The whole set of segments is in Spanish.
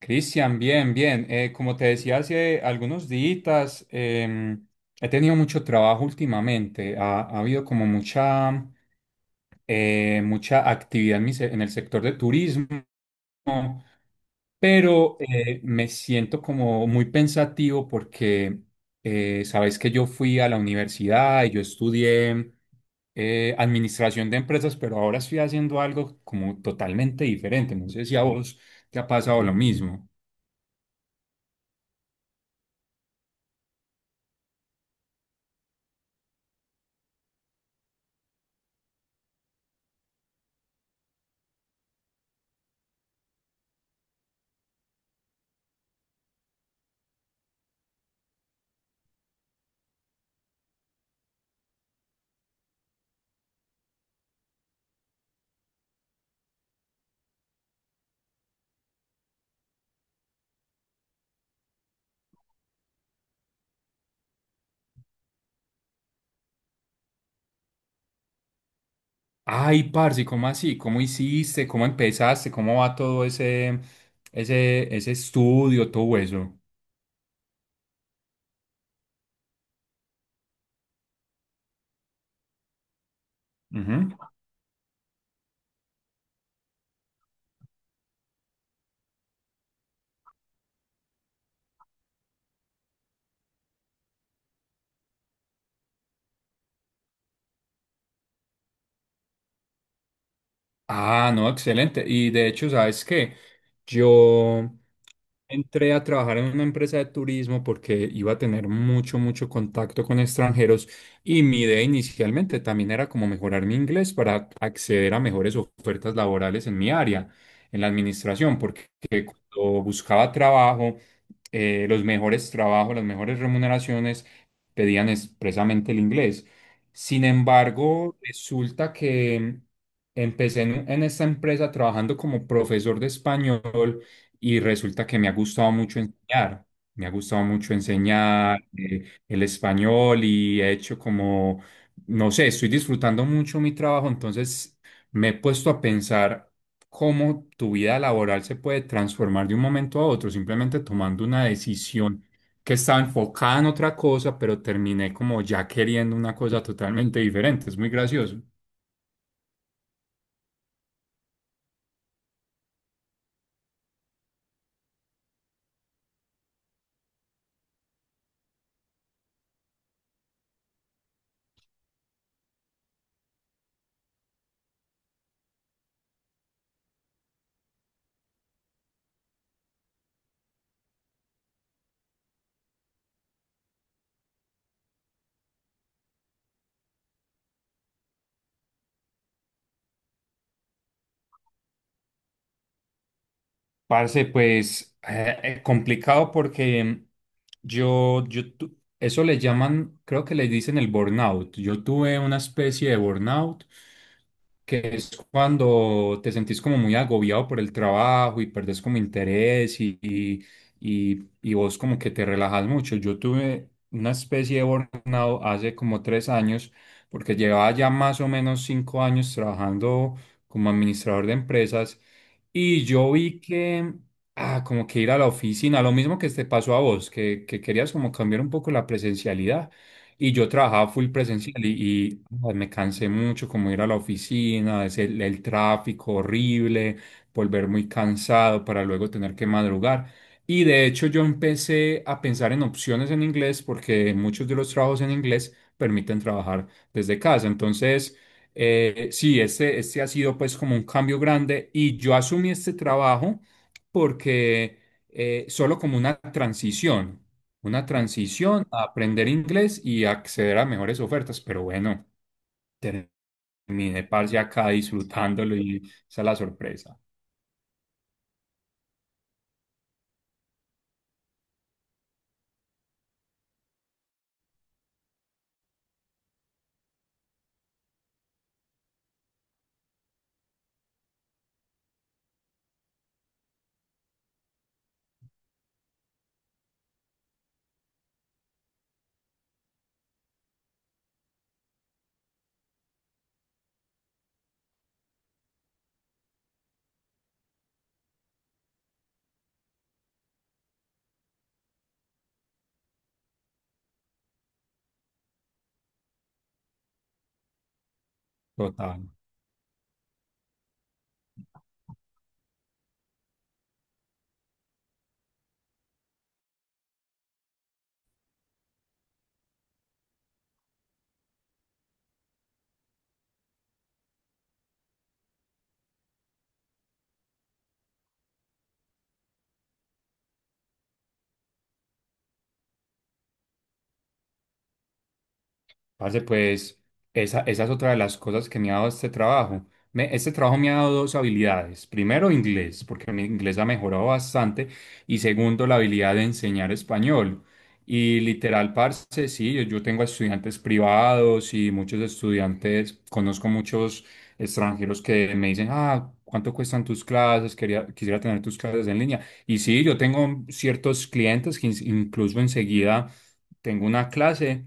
Cristian, bien, bien. Como te decía hace algunos días, he tenido mucho trabajo últimamente. Ha habido como mucha, mucha actividad en el sector de turismo, pero me siento como muy pensativo porque sabes que yo fui a la universidad y yo estudié administración de empresas, pero ahora estoy haciendo algo como totalmente diferente. No sé si a vos te ha pasado lo mismo. Ay, parce, ¿cómo así? ¿Cómo hiciste? ¿Cómo empezaste? ¿Cómo va todo ese estudio, todo eso? Ujú. Ah, no, excelente. Y de hecho, ¿sabes qué? Yo entré a trabajar en una empresa de turismo porque iba a tener mucho, mucho contacto con extranjeros y mi idea inicialmente también era como mejorar mi inglés para acceder a mejores ofertas laborales en mi área, en la administración, porque cuando buscaba trabajo, los mejores trabajos, las mejores remuneraciones pedían expresamente el inglés. Sin embargo, resulta que empecé en esta empresa trabajando como profesor de español, y resulta que me ha gustado mucho enseñar. Me ha gustado mucho enseñar el español, y he hecho como, no sé, estoy disfrutando mucho mi trabajo, entonces me he puesto a pensar cómo tu vida laboral se puede transformar de un momento a otro, simplemente tomando una decisión que estaba enfocada en otra cosa, pero terminé como ya queriendo una cosa totalmente diferente. Es muy gracioso. Parce, pues complicado porque eso le llaman, creo que le dicen el burnout. Yo tuve una especie de burnout, que es cuando te sentís como muy agobiado por el trabajo y perdés como interés y vos como que te relajas mucho. Yo tuve una especie de burnout hace como tres años porque llevaba ya más o menos cinco años trabajando como administrador de empresas, y yo vi que, ah, como que ir a la oficina, lo mismo que te pasó a vos, que querías como cambiar un poco la presencialidad. Y yo trabajaba full presencial ah, me cansé mucho como ir a la oficina, es el tráfico horrible, volver muy cansado para luego tener que madrugar. Y de hecho yo empecé a pensar en opciones en inglés porque muchos de los trabajos en inglés permiten trabajar desde casa. Entonces... sí, este ha sido pues como un cambio grande y yo asumí este trabajo porque solo como una transición a aprender inglés y acceder a mejores ofertas, pero bueno, terminé parce acá disfrutándolo y esa es la sorpresa total. Parce, pues esa es otra de las cosas que me ha dado este trabajo. Este trabajo me ha dado dos habilidades. Primero, inglés, porque mi inglés ha mejorado bastante. Y segundo, la habilidad de enseñar español. Y literal, parce, sí, yo tengo estudiantes privados y muchos estudiantes, conozco muchos extranjeros que me dicen, ah, ¿cuánto cuestan tus clases? Quería, quisiera tener tus clases en línea. Y sí, yo tengo ciertos clientes incluso enseguida tengo una clase.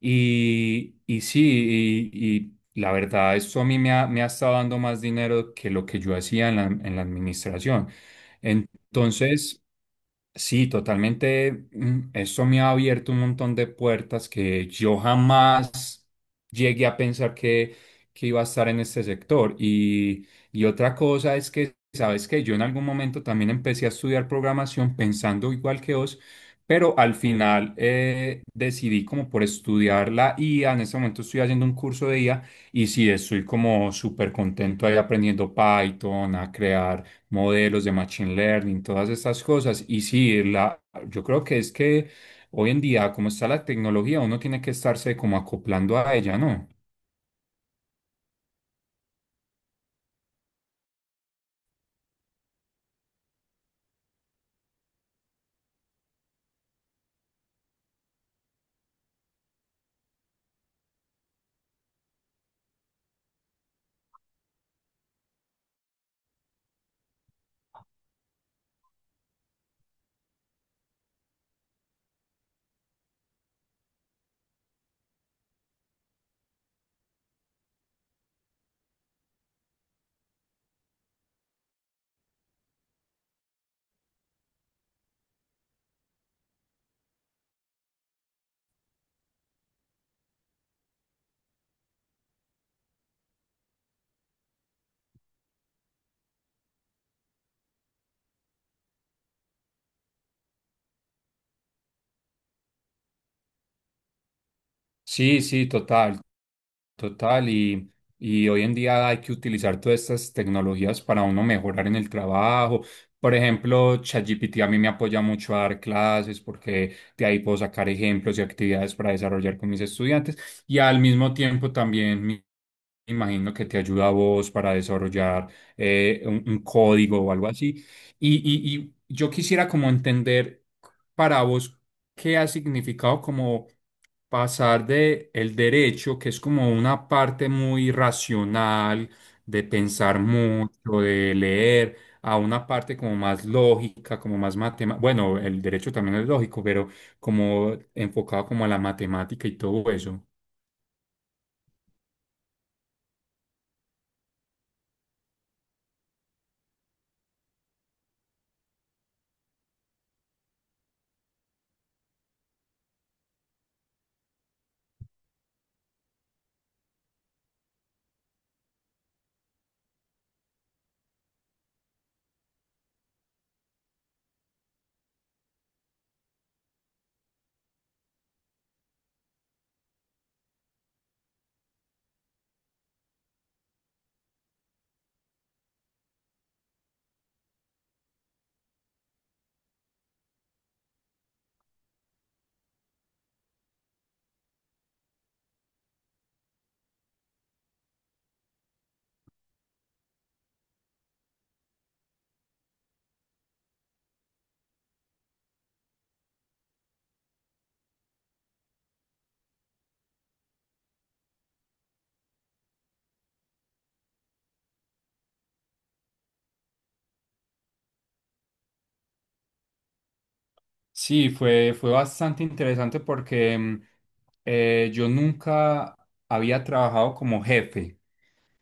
Y, y sí, y, y la verdad, eso a mí me ha estado dando más dinero que lo que yo hacía en la administración. Entonces, sí, totalmente. Eso me ha abierto un montón de puertas que yo jamás llegué a pensar que iba a estar en este sector. Y otra cosa es que, sabes que yo en algún momento también empecé a estudiar programación pensando igual que vos, pero al final decidí como por estudiar la IA. En este momento estoy haciendo un curso de IA y sí, estoy como súper contento ahí aprendiendo Python, a crear modelos de machine learning, todas estas cosas. Y sí, la, yo creo que es que hoy en día, como está la tecnología, uno tiene que estarse como acoplando a ella, ¿no? Sí, sí, total. Total, y hoy en día hay que utilizar todas estas tecnologías para uno mejorar en el trabajo. Por ejemplo, ChatGPT a mí me apoya mucho a dar clases porque de ahí puedo sacar ejemplos y actividades para desarrollar con mis estudiantes. Y al mismo tiempo también me imagino que te ayuda a vos para desarrollar un código o algo así. Y yo quisiera como entender para vos qué ha significado como pasar de el derecho, que es como una parte muy racional, de pensar mucho, de leer, a una parte como más lógica, como más matemática. Bueno, el derecho también es lógico, pero como enfocado como a la matemática y todo eso. Sí, fue bastante interesante porque yo nunca había trabajado como jefe.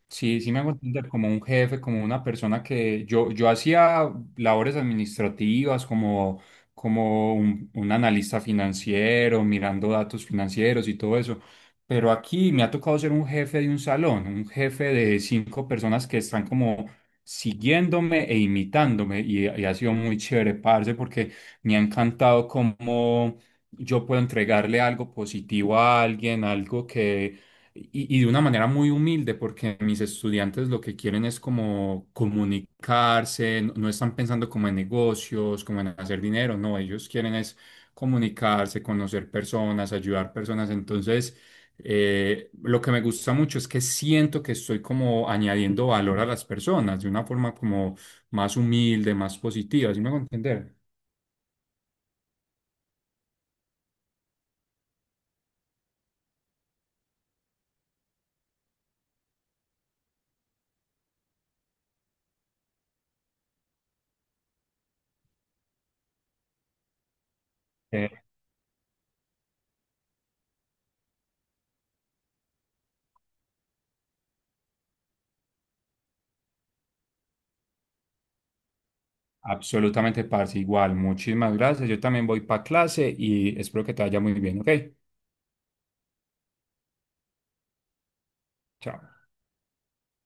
Sí, sí me hago entender como un jefe, como una persona que yo hacía labores administrativas, como, como un analista financiero, mirando datos financieros y todo eso. Pero aquí me ha tocado ser un jefe de un salón, un jefe de cinco personas que están como siguiéndome e imitándome. Y ha sido muy chévere, parce, porque me ha encantado cómo yo puedo entregarle algo positivo a alguien, algo que y de una manera muy humilde, porque mis estudiantes lo que quieren es como comunicarse, no, no están pensando como en negocios, como en hacer dinero, no, ellos quieren es comunicarse, conocer personas, ayudar personas. Entonces, lo que me gusta mucho es que siento que estoy como añadiendo valor a las personas de una forma como más humilde, más positiva, ¿sí me hago entender? Eh, Absolutamente, parce, igual, muchísimas gracias. Yo también voy para clase y espero que te vaya muy bien, ¿ok? Chao.